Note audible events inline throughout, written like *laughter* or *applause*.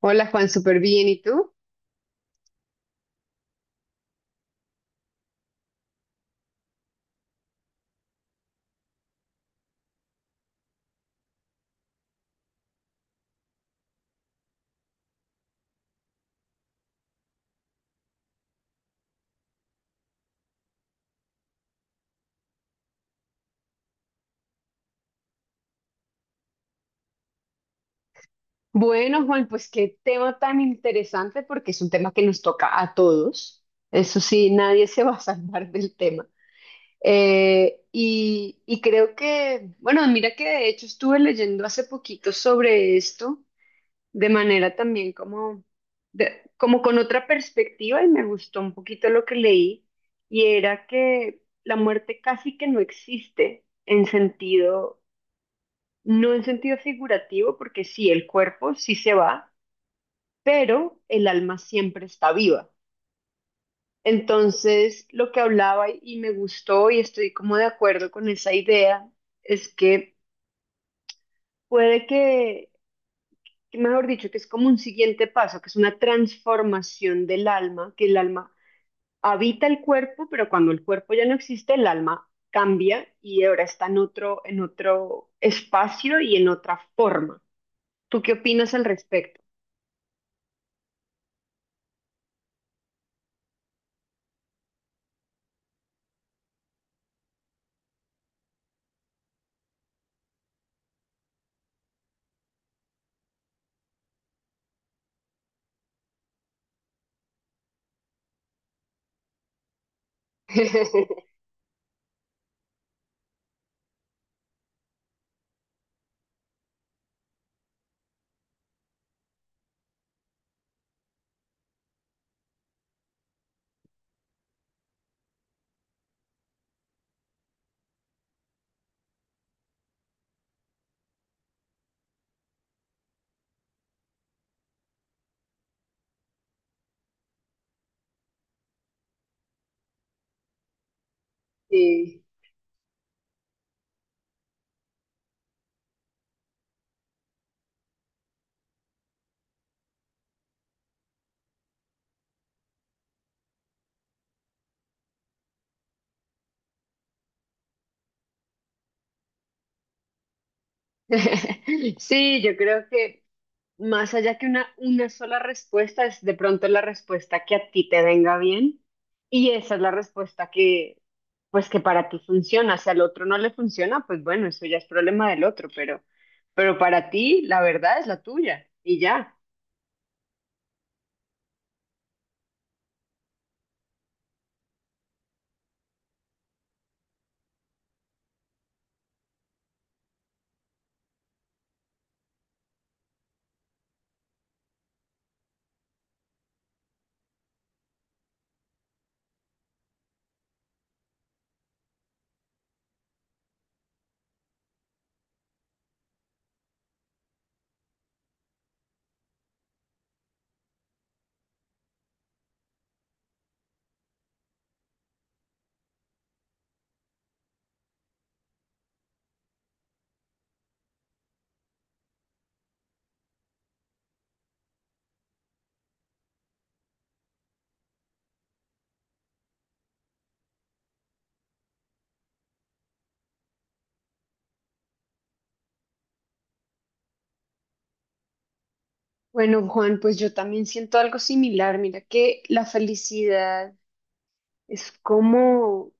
Hola Juan, súper bien. ¿Y tú? Bueno, Juan, pues qué tema tan interesante porque es un tema que nos toca a todos. Eso sí, nadie se va a salvar *laughs* del tema. Y creo que, bueno, mira que de hecho estuve leyendo hace poquito sobre esto de manera también como, como con otra perspectiva y me gustó un poquito lo que leí, y era que la muerte casi que no existe en sentido. No en sentido figurativo, porque sí, el cuerpo sí se va, pero el alma siempre está viva. Entonces, lo que hablaba y me gustó y estoy como de acuerdo con esa idea es que puede que mejor dicho, que es como un siguiente paso, que es una transformación del alma, que el alma habita el cuerpo, pero cuando el cuerpo ya no existe, el alma cambia y ahora está en otro espacio y en otra forma. ¿Tú qué opinas al respecto? *laughs* Sí. *laughs* Sí, yo creo que más allá que una sola respuesta, es de pronto la respuesta que a ti te venga bien, y esa es la respuesta que, pues que para ti funciona. Si al otro no le funciona, pues bueno, eso ya es problema del otro, pero para ti la verdad es la tuya y ya. Bueno, Juan, pues yo también siento algo similar. Mira que la felicidad es como,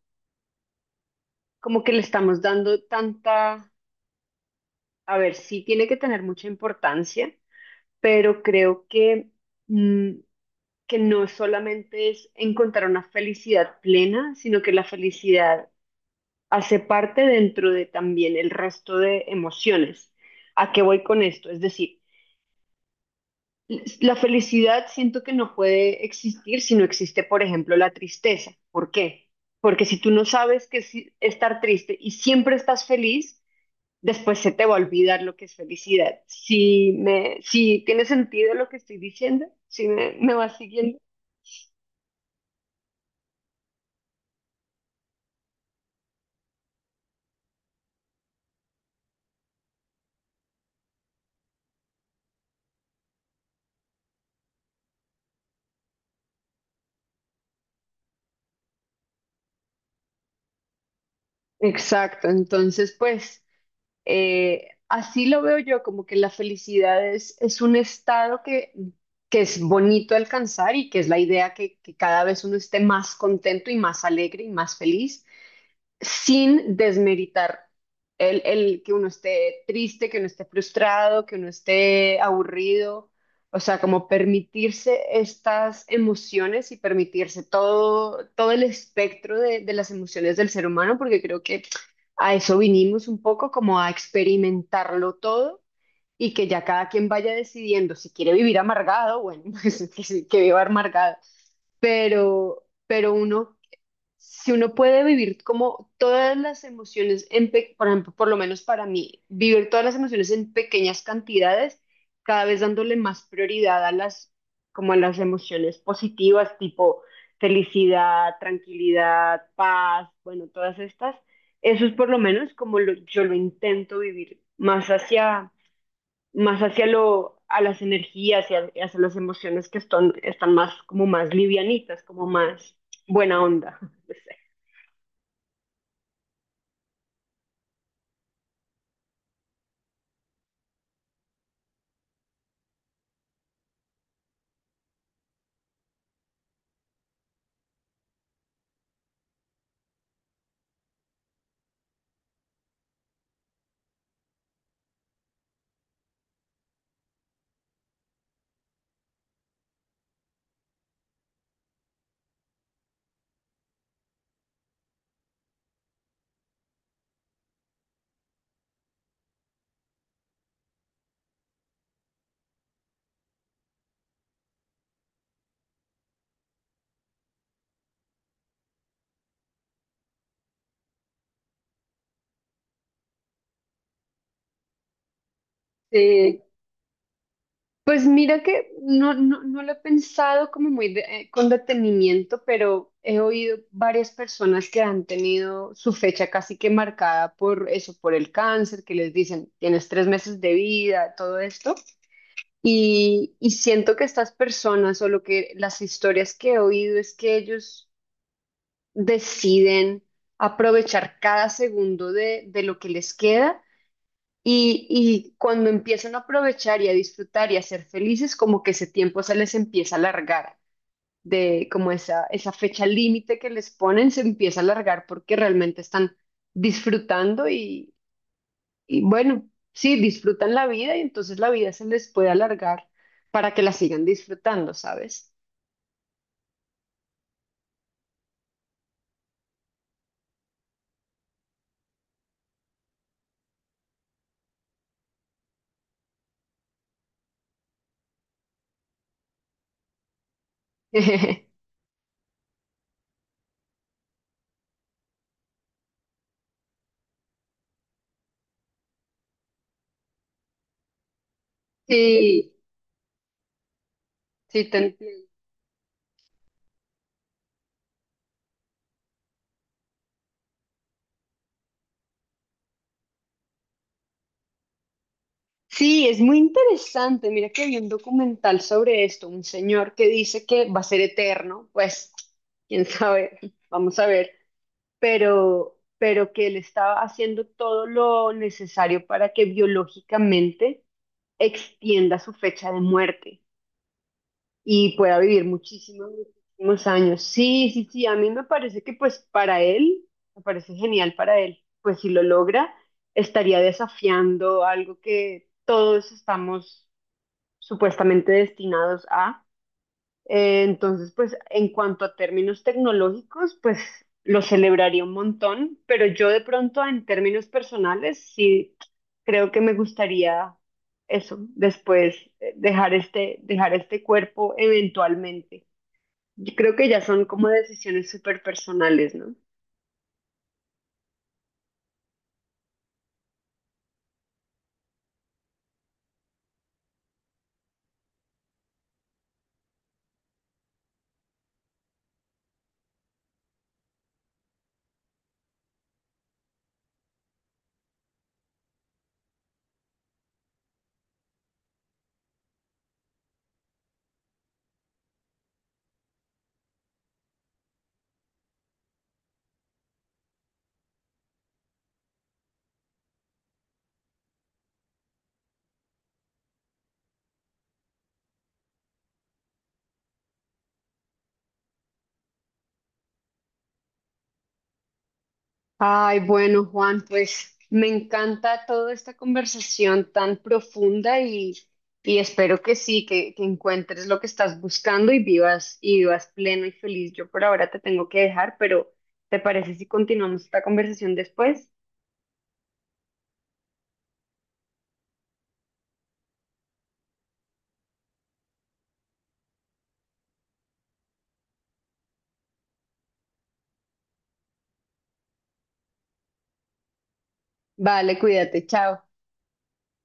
como que le estamos dando tanta, a ver, sí tiene que tener mucha importancia, pero creo que, mm, que no solamente es encontrar una felicidad plena, sino que la felicidad hace parte dentro de también el resto de emociones. ¿A qué voy con esto? Es decir, la felicidad siento que no puede existir si no existe, por ejemplo, la tristeza. ¿Por qué? Porque si tú no sabes qué es estar triste y siempre estás feliz, después se te va a olvidar lo que es felicidad. Si tiene sentido lo que estoy diciendo, si me, me vas siguiendo. Exacto, entonces pues así lo veo yo, como que la felicidad es un estado que es bonito alcanzar y que es la idea que cada vez uno esté más contento y más alegre y más feliz, sin desmeritar el que uno esté triste, que uno esté frustrado, que uno esté aburrido, o sea, como permitirse estas emociones y permitirse todo, todo el espectro de las emociones del ser humano, porque creo que a eso vinimos un poco, como a experimentarlo todo. Y que ya cada quien vaya decidiendo si quiere vivir amargado, bueno, *laughs* pues que, sí, que viva amargado, pero uno, si uno puede vivir como todas las emociones, por ejemplo, por lo menos para mí, vivir todas las emociones en pequeñas cantidades, cada vez dándole más prioridad a las, como a las emociones positivas, tipo felicidad, tranquilidad, paz, bueno, todas estas, eso es por lo menos como yo lo intento vivir, más hacia lo, a las energías y hacia las emociones que están, están más, como más livianitas, como más buena onda. *laughs* Sí, pues mira que no, no, no lo he pensado como muy con detenimiento, pero he oído varias personas que han tenido su fecha casi que marcada por eso, por el cáncer, que les dicen, tienes tres meses de vida, todo esto. Y siento que estas personas o lo que las historias que he oído es que ellos deciden aprovechar cada segundo de lo que les queda. Y cuando empiezan a aprovechar y a disfrutar y a ser felices, como que ese tiempo se les empieza a alargar, de como esa fecha límite que les ponen se empieza a alargar porque realmente están disfrutando y bueno, sí, disfrutan la vida y entonces la vida se les puede alargar para que la sigan disfrutando, ¿sabes? *laughs* Sí, sí, te… Sí, es muy interesante. Mira que vi un documental sobre esto, un señor que dice que va a ser eterno, pues quién sabe, *laughs* vamos a ver, pero que él estaba haciendo todo lo necesario para que biológicamente extienda su fecha de muerte y pueda vivir muchísimos, muchísimos años. Sí, sí, sí, a mí me parece que pues para él, me parece genial para él, pues si lo logra, estaría desafiando algo que todos estamos supuestamente destinados a. Entonces, pues en cuanto a términos tecnológicos, pues lo celebraría un montón, pero yo de pronto en términos personales sí creo que me gustaría eso, después dejar este cuerpo eventualmente. Yo creo que ya son como decisiones súper personales, ¿no? Ay, bueno, Juan, pues me encanta toda esta conversación tan profunda y espero que sí, que encuentres lo que estás buscando y vivas pleno y feliz. Yo por ahora te tengo que dejar, pero ¿te parece si continuamos esta conversación después? Vale, cuídate, chao.